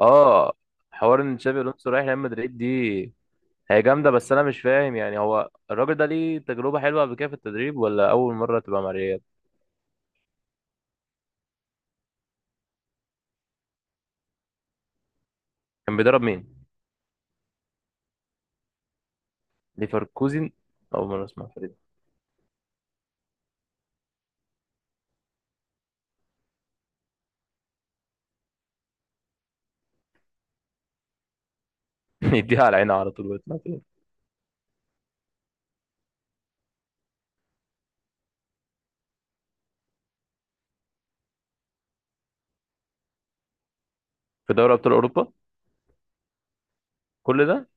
اه. حوار ان تشابي الونسو رايح ريال مدريد دي. هي جامده، بس انا مش فاهم، يعني هو الراجل ده ليه تجربه حلوه قبل كده في التدريب، ولا اول مره تبقى مع ريال؟ كان بيدرب مين؟ ليفركوزن. اول مره اسمع الفريق ده. يديها على عينها على طول ويطلع فين. في دوري ابطال اوروبا. كل ده؟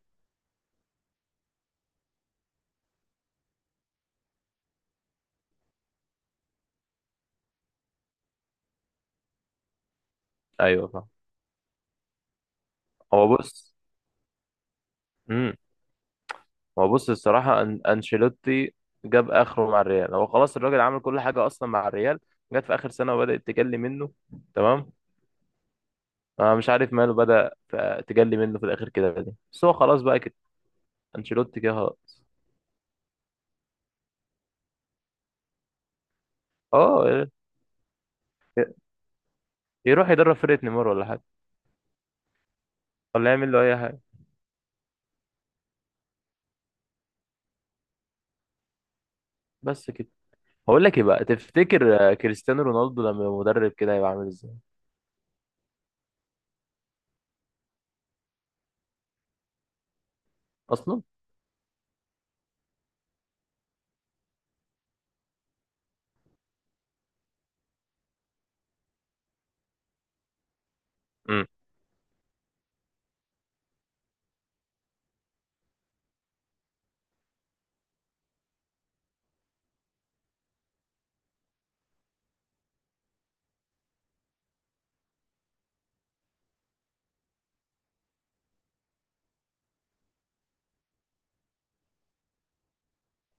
ايوه فاهم. هو بص امم هو بص، الصراحه انشيلوتي جاب اخره مع الريال، هو خلاص الراجل عمل كل حاجه اصلا مع الريال، جت في اخر سنه وبدات تجلي منه. تمام. أنا مش عارف ماله، تجلي منه في الآخر كده دي، بس هو خلاص بقى كده. أنشيلوتي كده خلاص. أه، يروح يدرب فرقة نيمار ولا حاجة، ولا يعمل له أي حاجة. بس كده. هقول لك إيه بقى؟ تفتكر كريستيانو رونالدو لما يبقى مدرب كده هيبقى عامل إزاي أصلا؟ امم.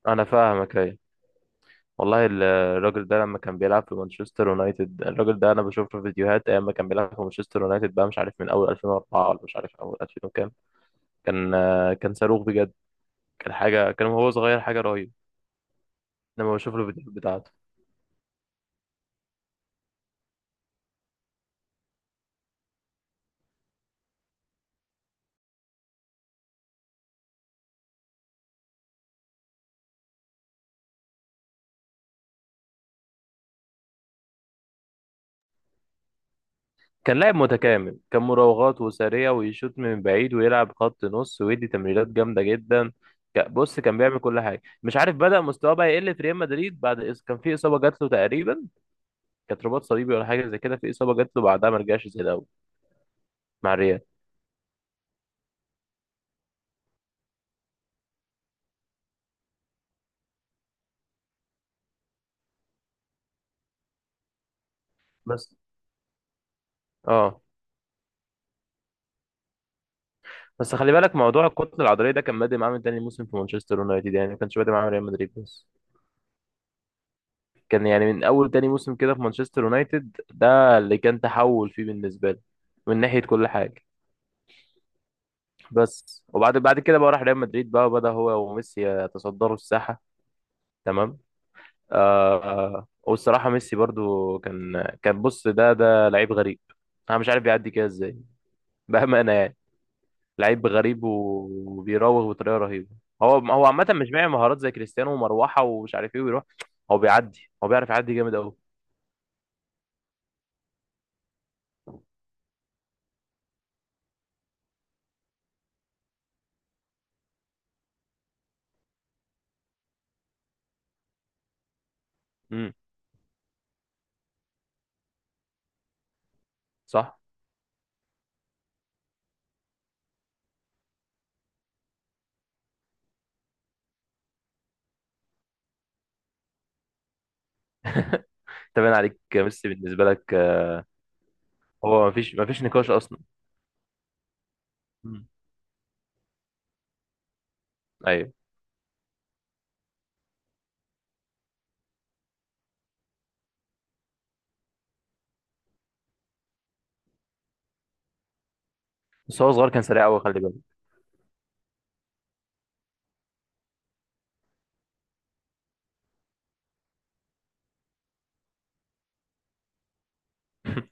أنا فاهمك، أيوة. والله الراجل ده لما كان بيلعب في مانشستر يونايتد، الراجل ده أنا بشوف له فيديوهات أيام ما كان بيلعب في مانشستر يونايتد بقى، مش عارف من أول 2004 ولا مش عارف أول 2000 وكام. كان صاروخ بجد، كان حاجة، كان وهو صغير حاجة رهيبة، لما بشوف له الفيديوهات بتاعته. كان لاعب متكامل، كان مراوغات وسريع ويشوط من بعيد ويلعب خط نص ويدي تمريرات جامده جدا. بص كان بيعمل كل حاجه، مش عارف بدأ مستواه بقى يقل في ريال مدريد، كان في اصابه جات له تقريبا، كانت رباط صليبي ولا حاجه زي كده. في اصابه جات له بعدها ما رجعش زي الاول مع الريال. بس اه، بس خلي بالك موضوع الكتله العضليه ده كان بادئ معاه من تاني موسم في مانشستر يونايتد، يعني ما كانش بادئ معاه من ريال مدريد بس، كان يعني من اول تاني موسم كده في مانشستر يونايتد، ده اللي كان تحول فيه بالنسبه لي من ناحيه كل حاجه. بس وبعد كده بقى راح ريال مدريد بقى، وبدأ هو وميسي يتصدروا الساحة. تمام. آه والصراحة ميسي برضو كان بص، ده لعيب غريب. انا مش عارف بيعدي كده ازاي؟ بأمانة يعني، لعيب غريب وبيراوغ بطريقة رهيبة. هو عامة مش معي مهارات زي كريستيانو ومروحة ومش عارف ايه ويروح. هو بيعدي، هو بيعرف يعدي جامد قوي. امم. صح. تمام عليك يا ميسي، بالنسبة لك آه، هو مفيش نقاش اصلا. مم. ايوه، بس هو صغير كان سريع قوي، خلي بالك.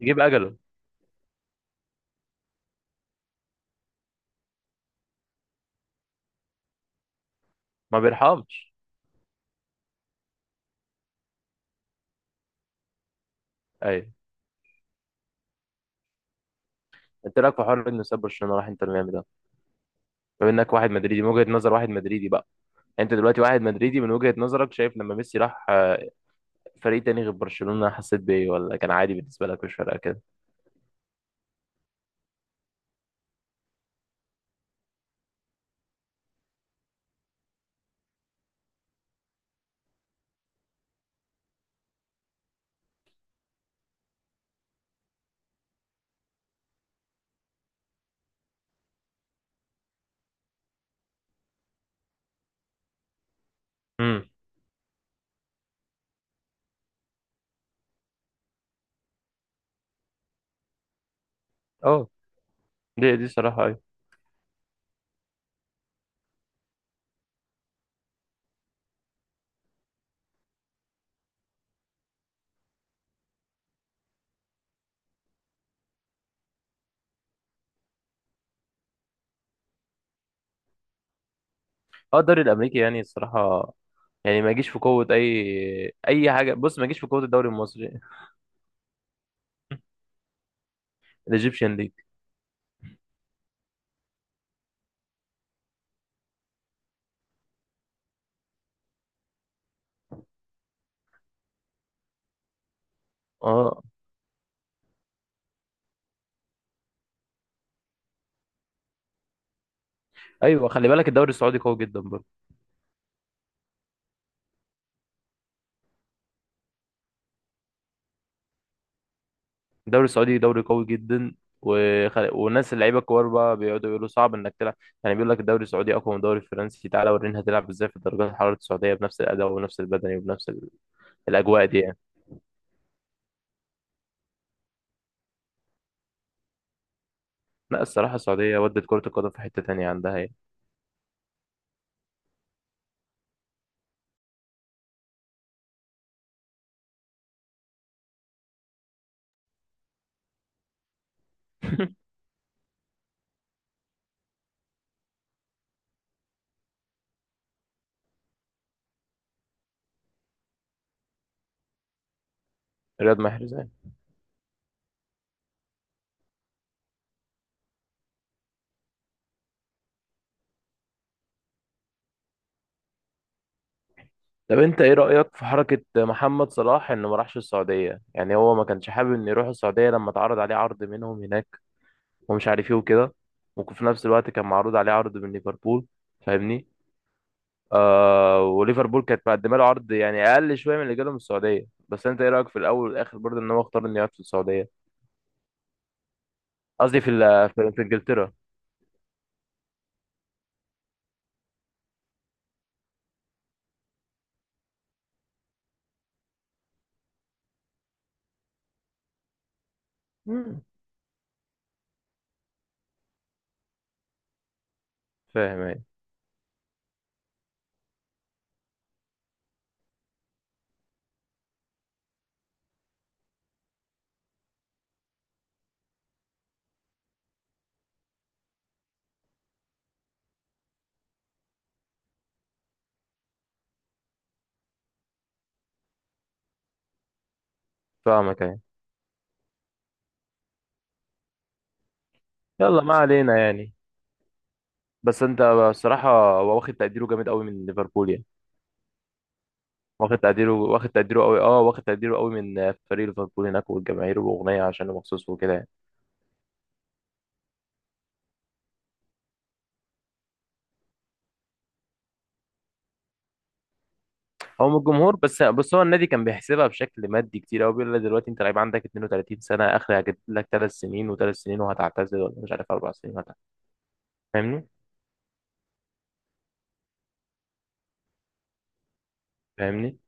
يجيب اجله، ما بيرحمش. ايوه، انت رايك في حوار انه ساب برشلونه راح انتر ميامي ده؟ بما انك واحد مدريدي، من وجهه نظر واحد مدريدي بقى، انت دلوقتي واحد مدريدي، من وجهه نظرك شايف لما ميسي راح آه، فريق تاني غير برشلونه، حسيت بايه ولا كان عادي بالنسبه لك مش فارقه كده؟ امم. اه، دي صراحه، ايوه. اه الدوري الامريكي يعني الصراحه، يعني ما يجيش في قوه اي حاجه، بص ما يجيش في قوه الدوري المصري. الايجيبشن ليج. اه، ايوه خلي بالك الدوري السعودي قوي جدا برضه. الدوري السعودي دوري قوي جدا، والناس اللعيبه الكبار بقى بيقعدوا يقولوا صعب انك تلعب، يعني بيقول لك الدوري السعودي اقوى من الدوري الفرنسي، تعالى ورينا هتلعب ازاي في الدرجات الحراره السعوديه بنفس الاداء وبنفس البدني الاجواء دي يعني. لا الصراحه السعوديه ودت كره القدم في حته تانية عندها يعني. رياض محرز يعني. طب انت ايه رايك في حركه محمد صلاح، انه ما راحش السعوديه؟ يعني هو ما كانش حابب انه يروح السعوديه لما اتعرض عليه عرض منهم هناك ومش عارف ايه وكده، وفي نفس الوقت كان معروض عليه عرض من ليفربول، فاهمني؟ آه، وليفربول كانت مقدمه له عرض يعني اقل شويه من اللي جاله من السعوديه، بس انت ايه رايك في الاول والاخر برضه ان هو اختار انه يقعد في السعوديه؟ قصدي في ال- في في انجلترا. مم. فاهم يعني. فاهمك يعني. يلا ما علينا يعني. بس انت الصراحه، هو واخد تقديره جامد قوي من ليفربول يعني، واخد تقديره، واخد تقديره قوي، اه واخد تقديره قوي من فريق ليفربول هناك والجماهير واغنيه عشان مخصوص وكده يعني. هو من الجمهور، بس هو النادي كان بيحسبها بشكل مادي كتير قوي، بيقول لك دلوقتي انت لعيب عندك 32 سنه، اخر هجيب لك 3 سنين و3 سنين وهتعتزل، ولا مش عارف 4 سنين وهتعتزل. فاهمني؟ فاهمني؟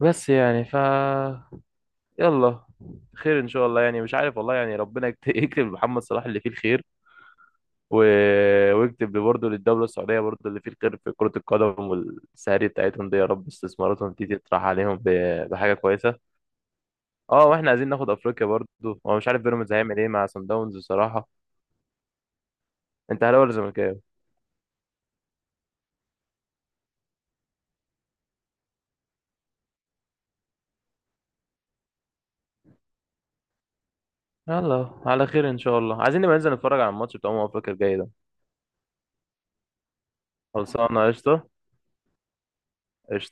بس يعني ف، يلا، خير ان شاء الله يعني، مش عارف والله يعني، ربنا يكتب لمحمد صلاح اللي فيه الخير، و... ويكتب برضه للدوله السعوديه برضه اللي فيه الخير في كره القدم، والسهري بتاعتهم دي يا رب استثماراتهم دي تطرح عليهم بحاجه كويسه. اه، واحنا عايزين ناخد افريقيا برضه. هو مش عارف بيراميدز هيعمل ايه مع سان داونز بصراحه. انت اهلاوي ولا زملكاوي؟ يلا على خير ان شاء الله، عايزين نبقى ننزل نتفرج على الماتش بتاع افريقيا الجاي ده. خلصانه قشطه. قشطه.